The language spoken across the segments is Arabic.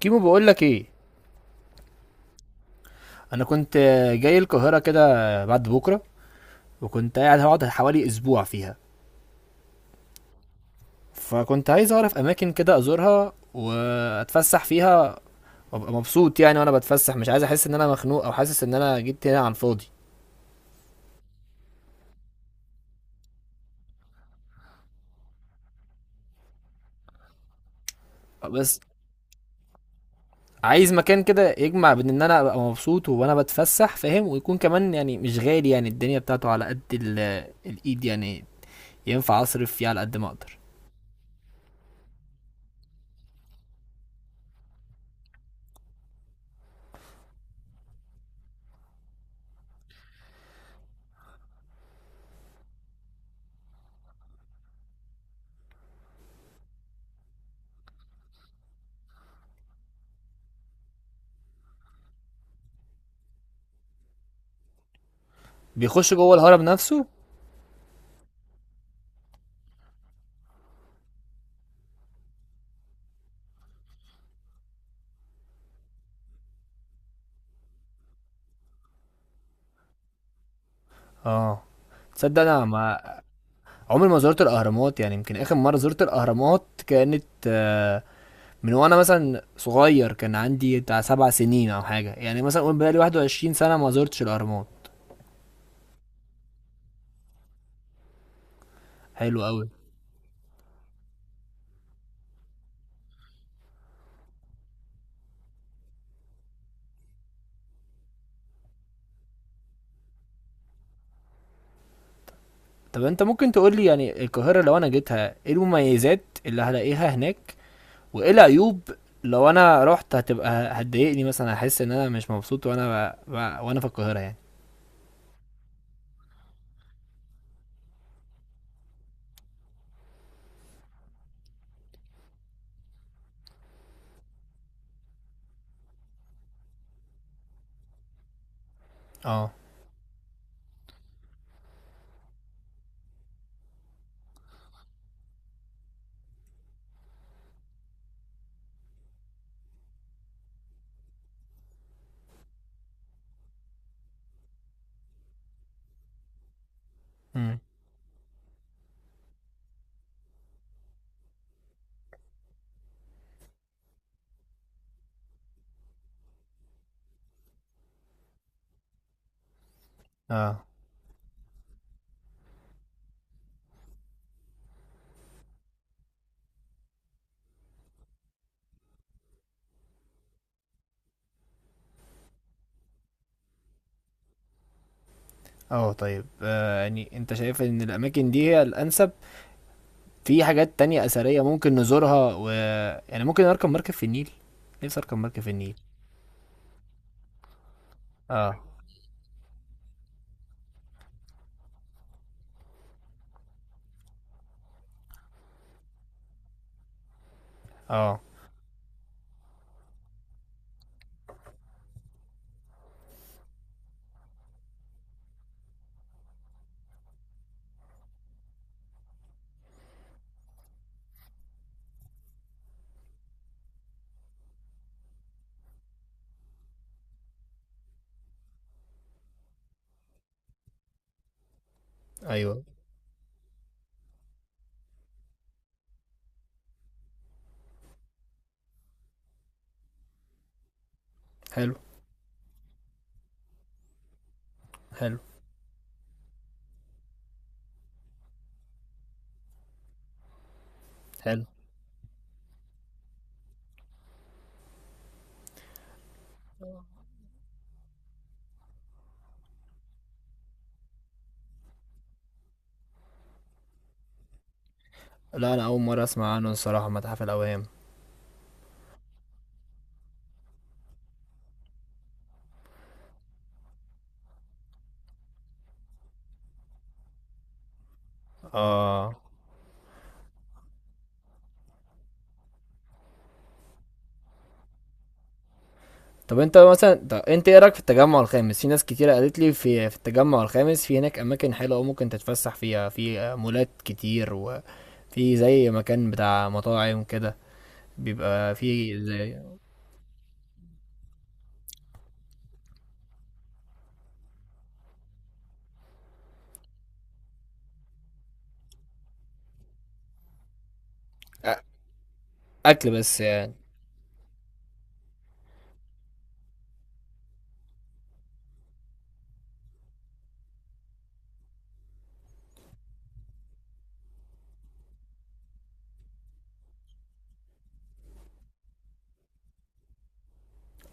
كيمو، بقول لك ايه. انا كنت جاي القاهره كده بعد بكره، وكنت قاعد هقعد حوالي اسبوع فيها. فكنت عايز اعرف اماكن كده ازورها واتفسح فيها وابقى مبسوط، يعني وانا بتفسح مش عايز احس ان انا مخنوق او حاسس ان انا جيت هنا عن فاضي. بس عايز مكان كده يجمع بين ان انا ابقى مبسوط وانا بتفسح، فاهم؟ ويكون كمان يعني مش غالي، يعني الدنيا بتاعته على قد الايد يعني، ينفع اصرف فيه على قد ما اقدر. بيخش جوه الهرم نفسه؟ اه. تصدق انا ما عمري ما زرت الاهرامات؟ يعني يمكن اخر مره زرت الاهرامات كانت، من وانا مثلا صغير، كان عندي بتاع 7 سنين او حاجه. يعني مثلا قول بقالي 21 سنه ما زرتش الاهرامات. حلو قوي. طب انت ممكن تقول لي يعني القاهره لو انا جيتها ايه المميزات اللي هلاقيها هناك وايه العيوب؟ لو انا رحت هتبقى هتضايقني مثلا، هحس ان انا مش مبسوط وانا وانا في القاهره يعني. اه. امم اه. اه طيب. يعني انت شايف ان الاماكن دي هي الانسب؟ في حاجات تانية أثرية ممكن نزورها؟ و يعني ممكن أركب مركب في النيل، نفسي أركب مركب في النيل. اه. اه. أيوه. حلو. حلو. حلو. لا أنا أول مرة أسمع عنه الصراحة، متحف الأوهام. اه. طب أنت مثلا، طب أنت إيه رأيك في التجمع الخامس؟ في ناس كتيرة قالت لي في في التجمع الخامس، في هناك أماكن حلوة أوي ممكن تتفسح فيها، في مولات كتير وفي زي مكان بتاع مطاعم كده بيبقى فيه، زي أ- أكل بس يعني.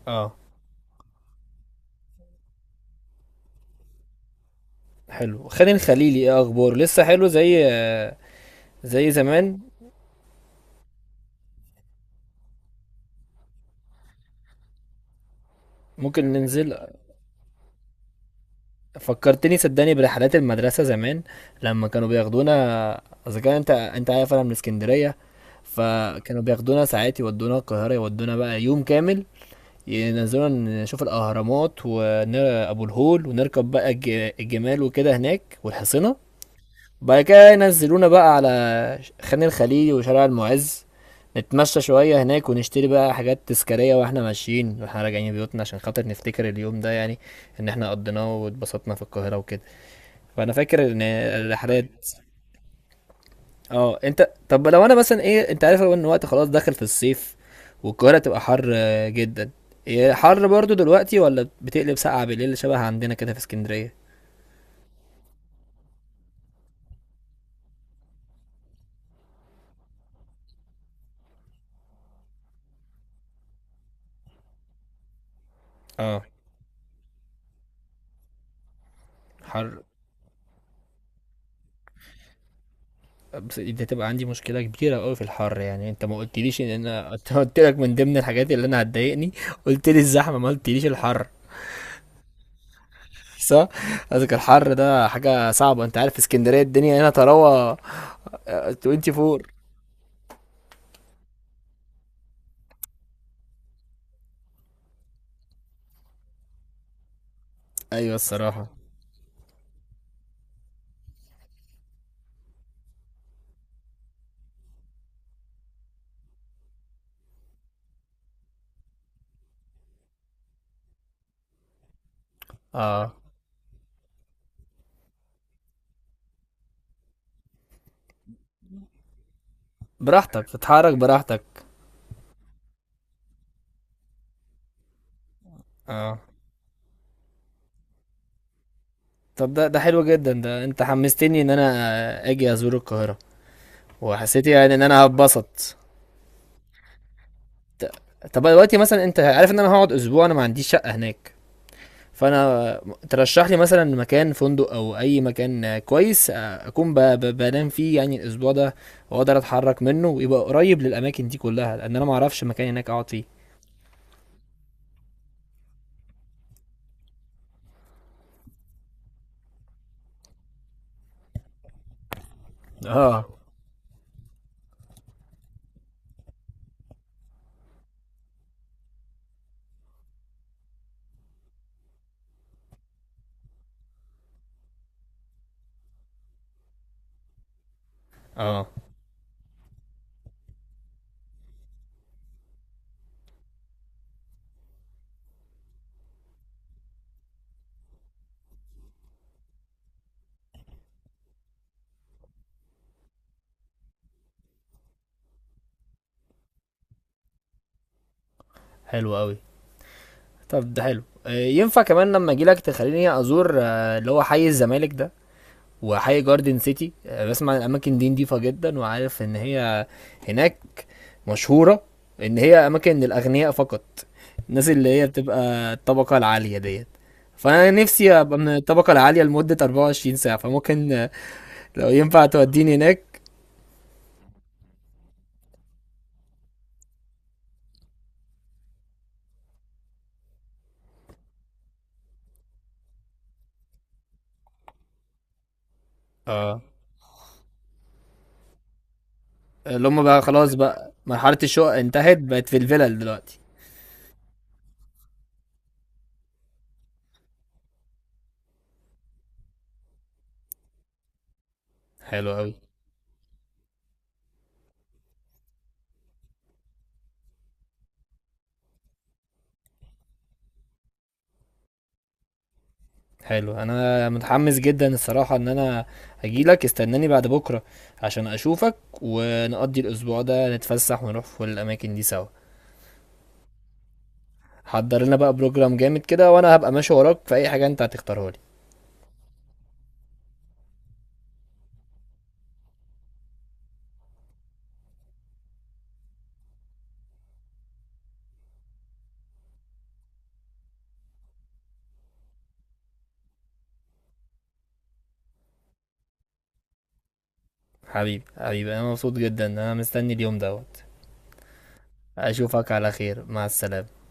اه. حلو. خالد الخليلي ايه اخباره؟ لسه حلو زي زي زمان؟ ممكن ننزل. فكرتني صدقني برحلات المدرسة زمان لما كانوا بياخدونا. اذا كان انت، انت عارف انا من اسكندرية، فكانوا بياخدونا ساعات يودونا القاهرة، يودونا بقى يوم كامل، ينزلونا نشوف الأهرامات وأبو الهول ونركب بقى الجمال وكده هناك والحصينة. بعد كده ينزلونا بقى على خان الخليلي وشارع المعز، نتمشى شوية هناك ونشتري بقى حاجات تذكارية واحنا ماشيين واحنا راجعين بيوتنا، عشان خاطر نفتكر اليوم ده يعني، ان احنا قضيناه واتبسطنا في القاهرة وكده. فانا فاكر ان الرحلات. اه. انت طب لو انا مثلا ايه، انت عارف ان الوقت خلاص داخل في الصيف والقاهرة تبقى حر جدا. إيه، حر برضو دلوقتي ولا بتقلب ساقعة بالليل شبه عندنا كده في اسكندرية؟ اه. حر. بس دي تبقى عندي مشكلة كبيرة قوي في الحر، يعني انت ما قلتليش ان انا انت قلت لك من ضمن الحاجات اللي انا هتضايقني قلت لي الزحمة، ما قلتليش الحر. صح؟ قصدك الحر ده حاجة صعبة. انت عارف في اسكندرية الدنيا هنا تروى 24. ايوه الصراحة. اه براحتك، تتحرك براحتك. اه. طب ده، ده حلو جدا، ده انت حمستني ان انا اجي ازور القاهرة، وحسيت يعني ان انا هتبسط. ط- طب دلوقتي مثلا، انت عارف ان انا هقعد اسبوع، انا ما عنديش شقة هناك، فانا ترشح لي مثلا مكان فندق او اي مكان كويس، اكون بنام فيه يعني الاسبوع ده، واقدر اتحرك منه، ويبقى قريب للاماكن دي كلها، لان انا ما اعرفش مكان هناك اقعد فيه. اه. اه. حلو قوي. طب ده حلو. ينفع كمان لما اجي لك تخليني ازور، اللي هو حي الزمالك ده وحي جاردن سيتي؟ بسمع عن الاماكن دي نضيفه جدا، وعارف ان هي هناك مشهورة ان هي اماكن للاغنياء فقط، الناس اللي هي بتبقى الطبقة العالية ديت. فانا نفسي ابقى من الطبقة العالية لمدة 24 ساعة، فممكن لو ينفع توديني هناك. اه. اللي هم بقى خلاص بقى مرحلة الشقق انتهت، بقت في الفلل دلوقتي. حلو قوي. حلو، انا متحمس جدا الصراحة ان انا هجيلك، استناني بعد بكرة عشان اشوفك، ونقضي الاسبوع ده نتفسح ونروح في الاماكن دي سوا. حضر لنا بقى بروجرام جامد كده، وانا هبقى ماشي وراك في اي حاجه انت هتختارها لي. حبيبي حبيبي انا مبسوط جدا، انا مستني اليوم دوت. اشوفك على خير، مع السلامه.